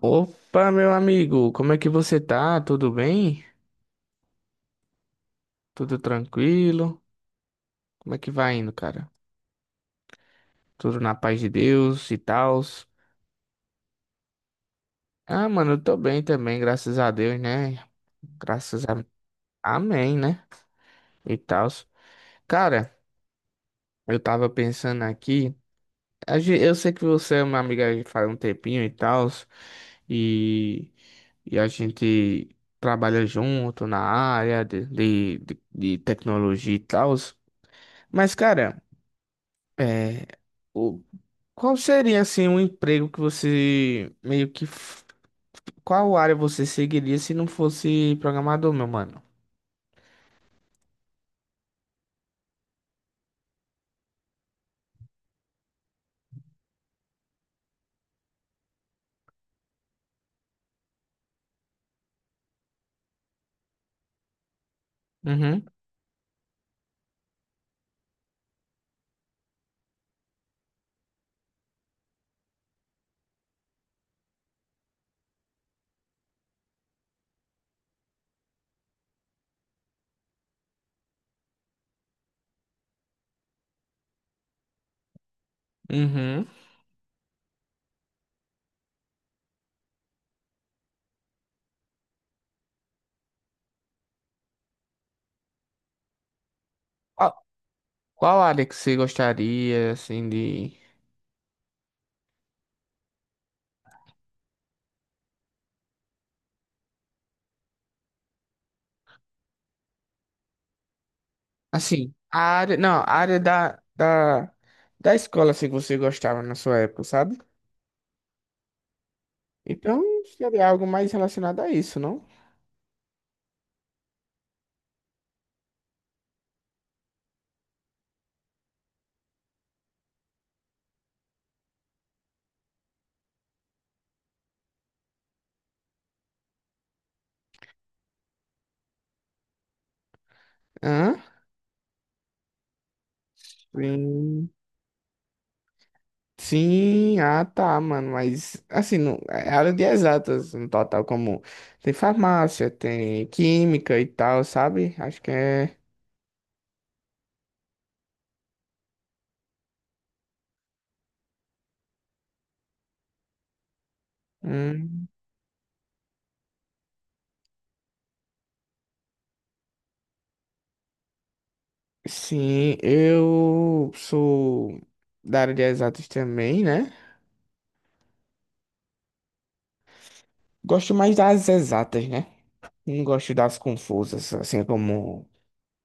Opa, meu amigo, como é que você tá? Tudo bem? Tudo tranquilo? Como é que vai indo, cara? Tudo na paz de Deus e tals? Ah, mano, eu tô bem também, graças a Deus, né? Graças a... Amém, né? E tals. Cara, eu tava pensando aqui, eu sei que você é uma amiga aí faz um tempinho e tals, e... e a gente trabalha junto na área de tecnologia e tals, mas, cara... É, o, qual seria assim um emprego que você meio que f- qual área você seguiria se não fosse programador, meu mano? Uhum, uhum. Qual, qual área que você gostaria assim de assim, a área, não, a área da escola assim que você gostava na sua época, sabe? Então seria algo mais relacionado a isso, não? Hã? Sim. Sim, ah tá, mano, mas assim, não, é área de exatas no total, como tem farmácia, tem química e tal, sabe? Acho que é. Hum, sim, eu sou da área de exatas também, né? Gosto mais das exatas, né? Não gosto das confusas, assim como,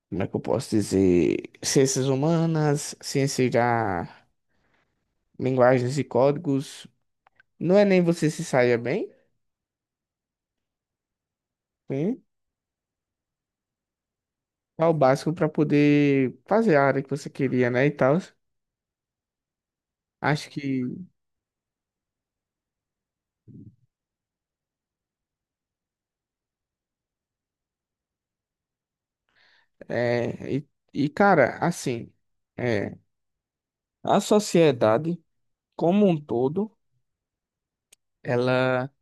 como é que eu posso dizer? Ciências humanas, ciência da linguagens e códigos. Não é nem você se saia bem. Só o básico para poder fazer a área que você queria, né, e tal. Acho que é e cara, assim, é, a sociedade como um todo, ela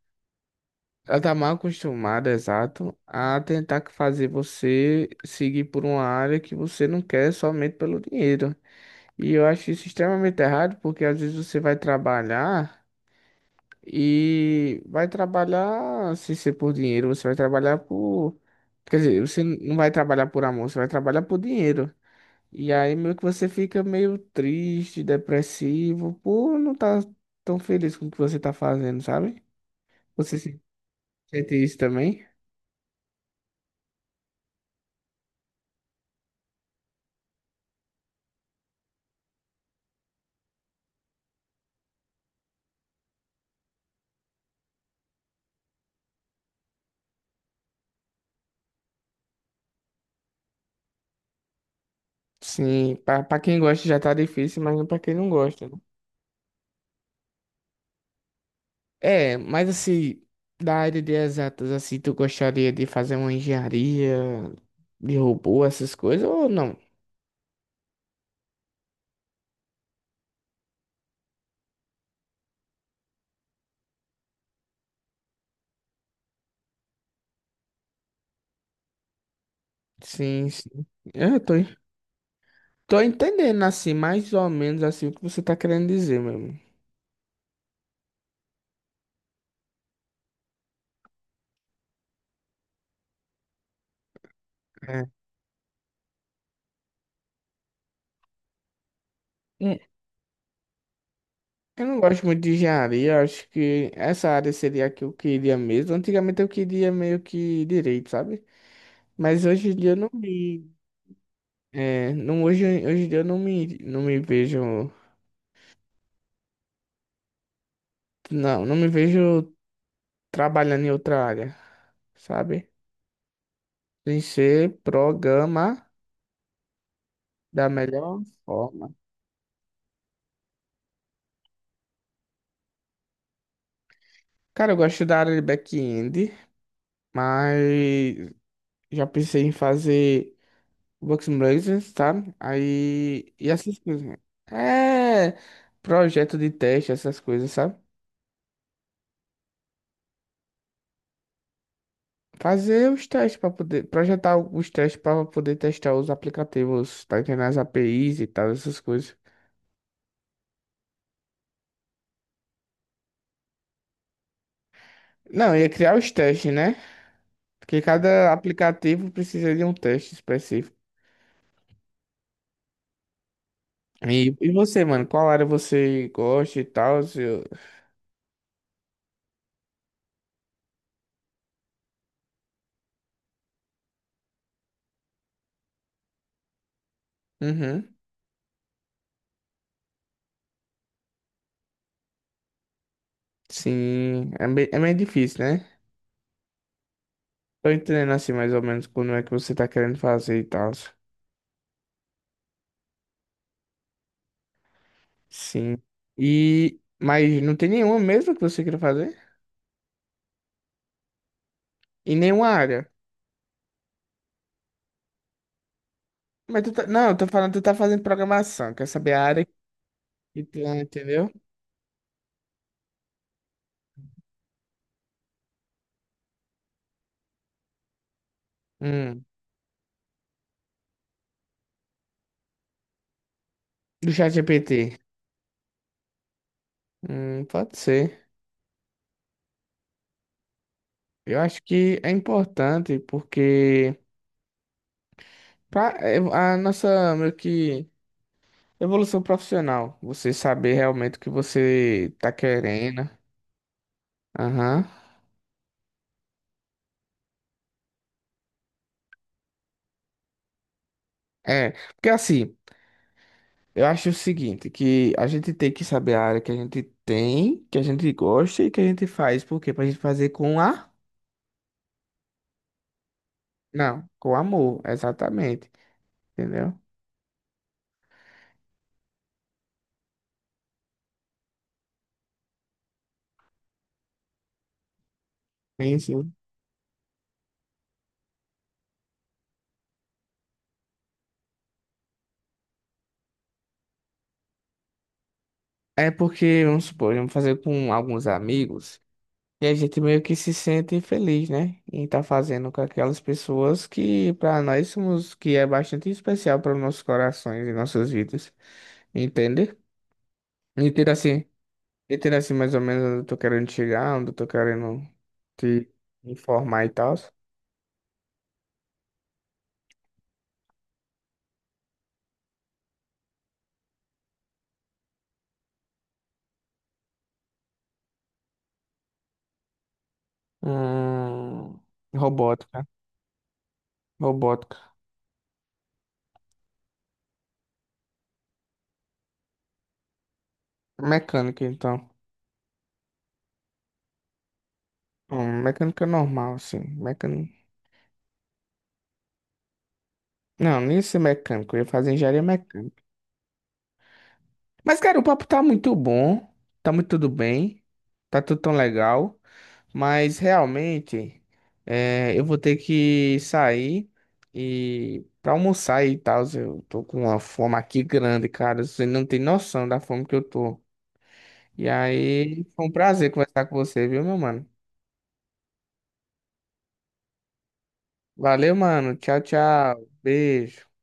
ela tá mal acostumada, exato, a tentar que fazer você seguir por uma área que você não quer somente pelo dinheiro. E eu acho isso extremamente errado, porque às vezes você vai trabalhar. E vai trabalhar, se ser por dinheiro, você vai trabalhar por. Quer dizer, você não vai trabalhar por amor, você vai trabalhar por dinheiro. E aí meio que você fica meio triste, depressivo, por não estar tão feliz com o que você tá fazendo, sabe? Você se sente isso também? Sim, pra, pra quem gosta já tá difícil, mas não pra quem não gosta, né? É, mas assim, da área de exatas, assim, tu gostaria de fazer uma engenharia de robô, essas coisas, ou não? Sim, sim. É, tô entendendo assim, mais ou menos assim o que você tá querendo dizer, mesmo. É. Eu não gosto muito de engenharia, eu acho que essa área seria a que eu queria mesmo. Antigamente eu queria meio que direito, sabe? Mas hoje em dia eu não me. É, não, hoje em dia eu não me, não me vejo. Não, não me vejo trabalhando em outra área, sabe? Sem ser programa da melhor forma. Cara, eu gosto da área de back-end, mas já pensei em fazer Bugs N' Blazers, sabe? Aí. E essas coisas. É. Projeto de teste, essas coisas, sabe? Fazer os testes para poder. Projetar os testes para poder testar os aplicativos, tá entendendo? As APIs e tal, essas coisas. Não, ia criar os testes, né? Porque cada aplicativo precisa de um teste específico. E você, mano? Qual área você gosta e tal? Se eu- Uhum. Sim. É meio difícil, né? Tô entendendo assim mais ou menos como é que você tá querendo fazer e tal. Sim. E mas não tem nenhuma mesmo que você queira fazer? Em nenhuma área. Mas tu tá... Não, eu tô falando, tu tá fazendo programação. Quer saber a área que tu, é, entendeu? Hum. Do ChatGPT. Pode ser. Eu acho que é importante porque pra, é a nossa meio que evolução profissional, você saber realmente o que você tá querendo. Aham. É, porque assim. Eu acho o seguinte, que a gente tem que saber a área que a gente tem, que a gente gosta e que a gente faz. Por quê? Pra gente fazer com a... Não, com amor, exatamente. Entendeu? Sim, sim. É porque, vamos supor, vamos fazer com alguns amigos e a gente meio que se sente feliz, né? Em estar fazendo com aquelas pessoas que para nós somos, que é bastante especial para nossos corações e nossas vidas. Entende? Entende assim? Entendo assim mais ou menos onde eu tô querendo chegar, onde eu tô querendo te informar e tal. Hum, robótica. Robótica. Mecânica, então. Mecânica normal, assim. Mecânica... Não, nem ia ser mecânico. Eu ia fazer engenharia mecânica. Mas, cara, o papo tá muito bom. Tá muito tudo bem. Tá tudo tão legal. Mas realmente, eu vou ter que sair e para almoçar e tal. Eu tô com uma fome aqui grande, cara. Você não tem noção da fome que eu tô. E aí, foi um prazer conversar com você, viu, meu mano? Valeu, mano. Tchau, tchau. Beijo.